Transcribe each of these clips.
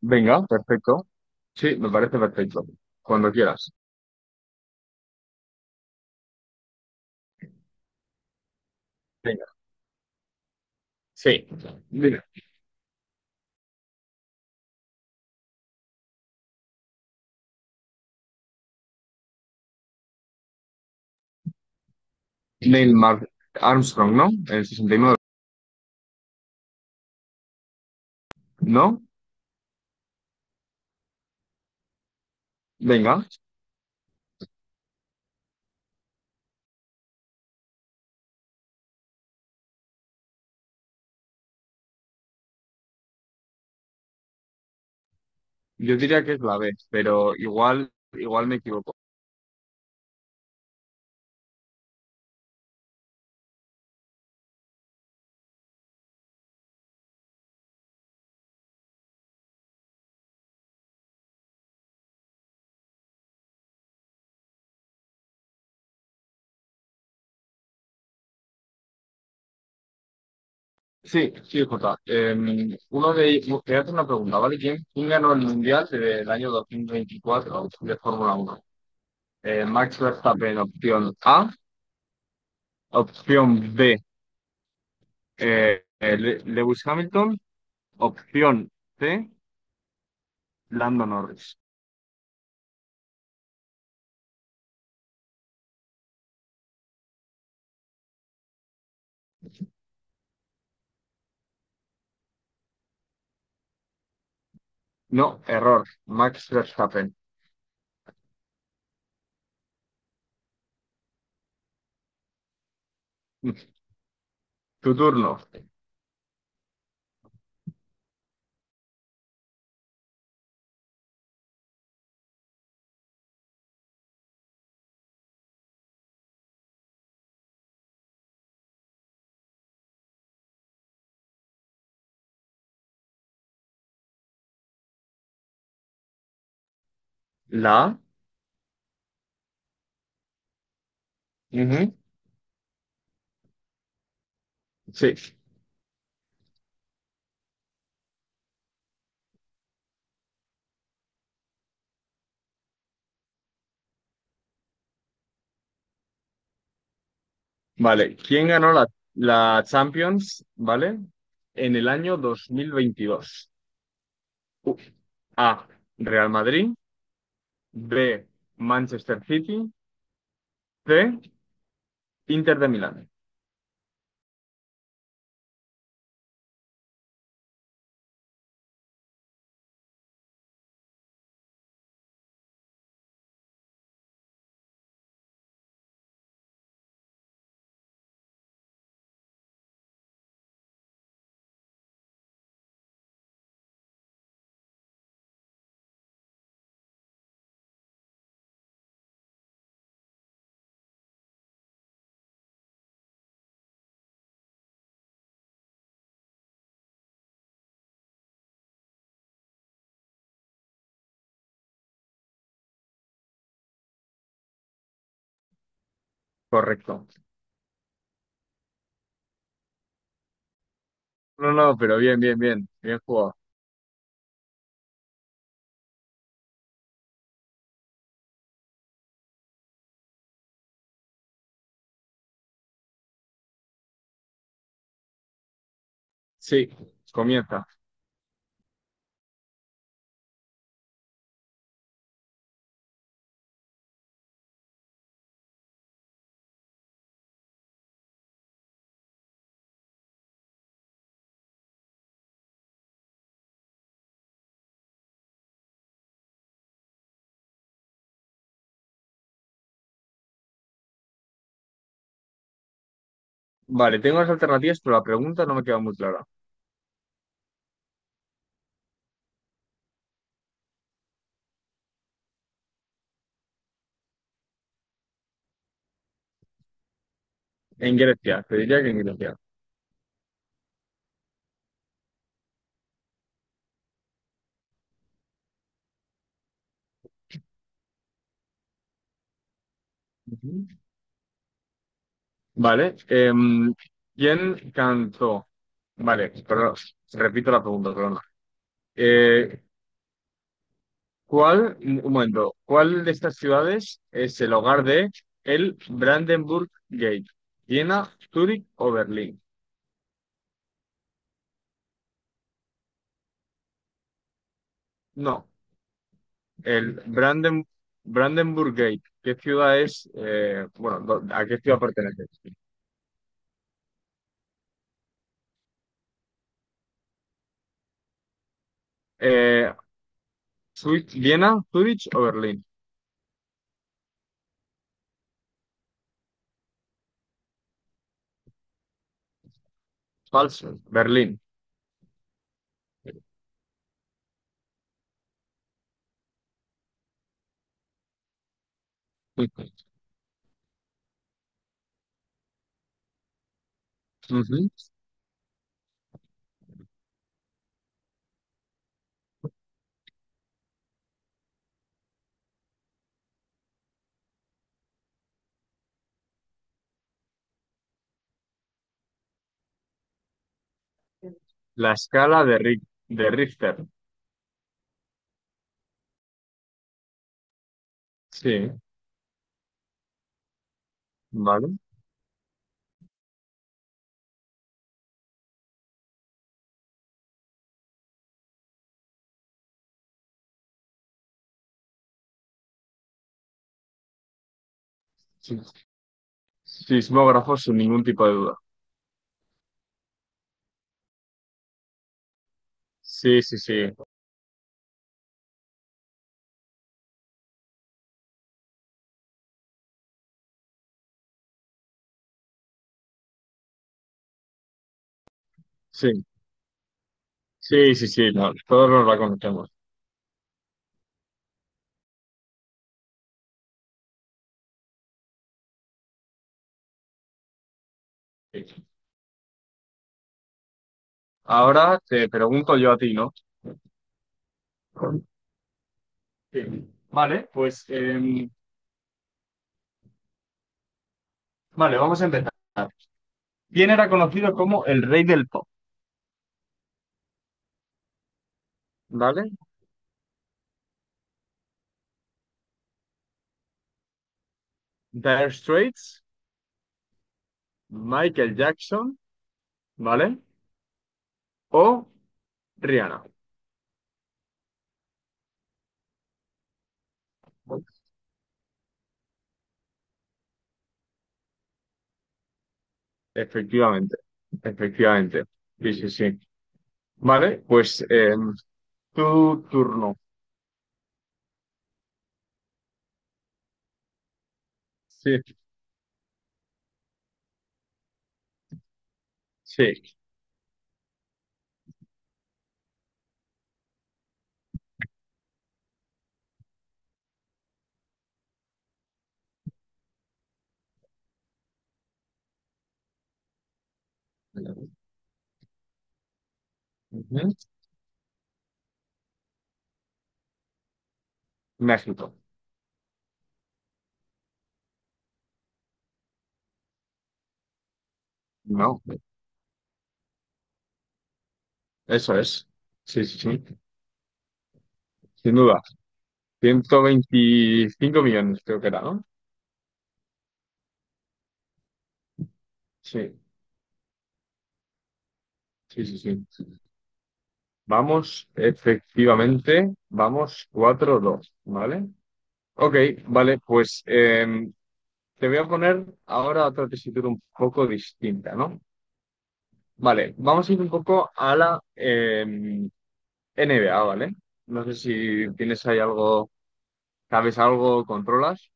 Venga, perfecto. Sí, me parece perfecto. Cuando quieras. Venga. Sí. Mira, Neil Mar- Armstrong, ¿no? En el 69. ¿No? Venga. Yo diría que es la B, pero igual me equivoco. Sí, sí, Jota. Uno de ellos, quería hacer una pregunta, ¿vale? ¿Quién ganó el Mundial del año 2024 de Fórmula Uno? Max Verstappen, opción A. Opción B, Lewis Hamilton. Opción C, Lando Norris. No, error. Max Verstappen. Tu turno. La A. Ujú, sí. Vale. ¿Quién ganó la Champions, ¿vale? En el año 2022. U- A. Real Madrid. B. Manchester City. C. Inter de Milán. Correcto. No, no, pero bien, bien, bien. Bien jugado. Sí. Comienza. Vale, tengo las alternativas, pero la pregunta no me queda muy clara. En Grecia, te diría que en Grecia. Ujú. Vale. ¿Quién cantó? Vale, perdón, repito la pregunta, perdón. Eh, ¿Cuál, un momento, ¿cuál de estas ciudades es el hogar de el Brandenburg Gate? ¿Viena, Zúrich o Berlín? No, el Brandenburg Gate. ¿Qué ciudad es? Bueno, ¿a qué ciudad pertenece? Eh, ¿Viena, Zúrich o Berlín? Falso, Berlín. Ujú. La de Richter. Sí, vale. Sí. Sismógrafos sin ningún tipo de duda. Sí, sí, sí. Sí, sí, sí, sí, no, todos nos la conocemos. Sí. Ahora te pregunto yo a ti, ¿no? Sí. Vale, pues vale, vamos a empezar. ¿Quién era conocido como el rey del pop? ¿Vale? Dire Straits, Michael Jackson, ¿vale? O Rihanna. Efectivamente, efectivamente. Sí, sí, sí. Vale, pues tu turno. Sí, sí. Ujú. México. No, eso es. Sí, sí, sí. Sin duda. 125 millones, creo que era, ¿no? Sí, sí, sí, sí. Vamos, efectivamente, vamos cuatro dos, ¿vale? Ok, vale, pues te voy a poner ahora otra tesitura un poco distinta, ¿no? Vale, vamos a ir un poco a la NBA, ¿vale? No sé si tienes ahí algo, sabes algo, controlas.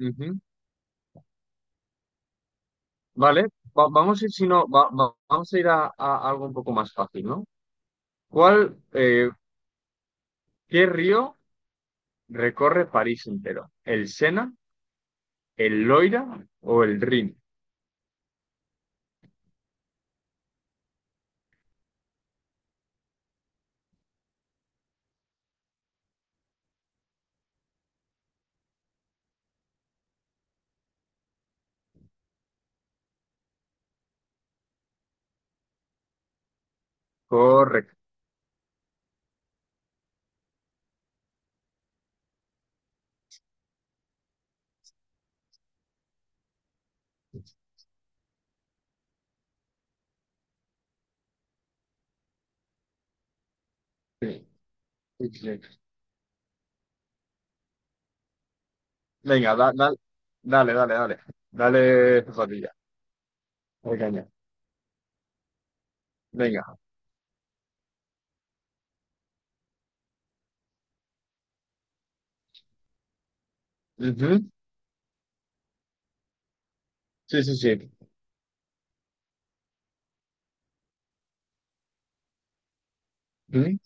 Ujú. Vale, vamos a ir, si no, vamos a ir a algo un poco más fácil, ¿no? ¿Cuál, qué río recorre París entero? ¿El Sena, el Loira o el Rin? Correcto. Sí, sí, sí. Venga, dale, dale, dale. Dale, zapatilla. Dale caña. Venga. Ujú. Sí, sí, sí. Ujú.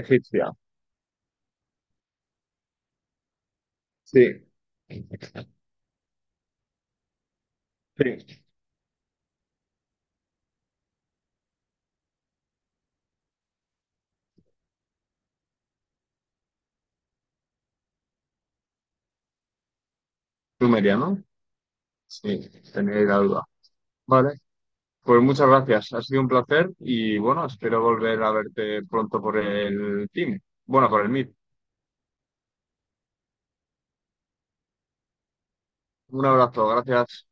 Egipcia. Sí, sí. Sumeria, ¿no? Sí, tenía la duda. Vale. Pues muchas gracias, ha sido un placer y bueno, espero volver a verte pronto por el team. Bueno, por el Meet. Un abrazo, gracias.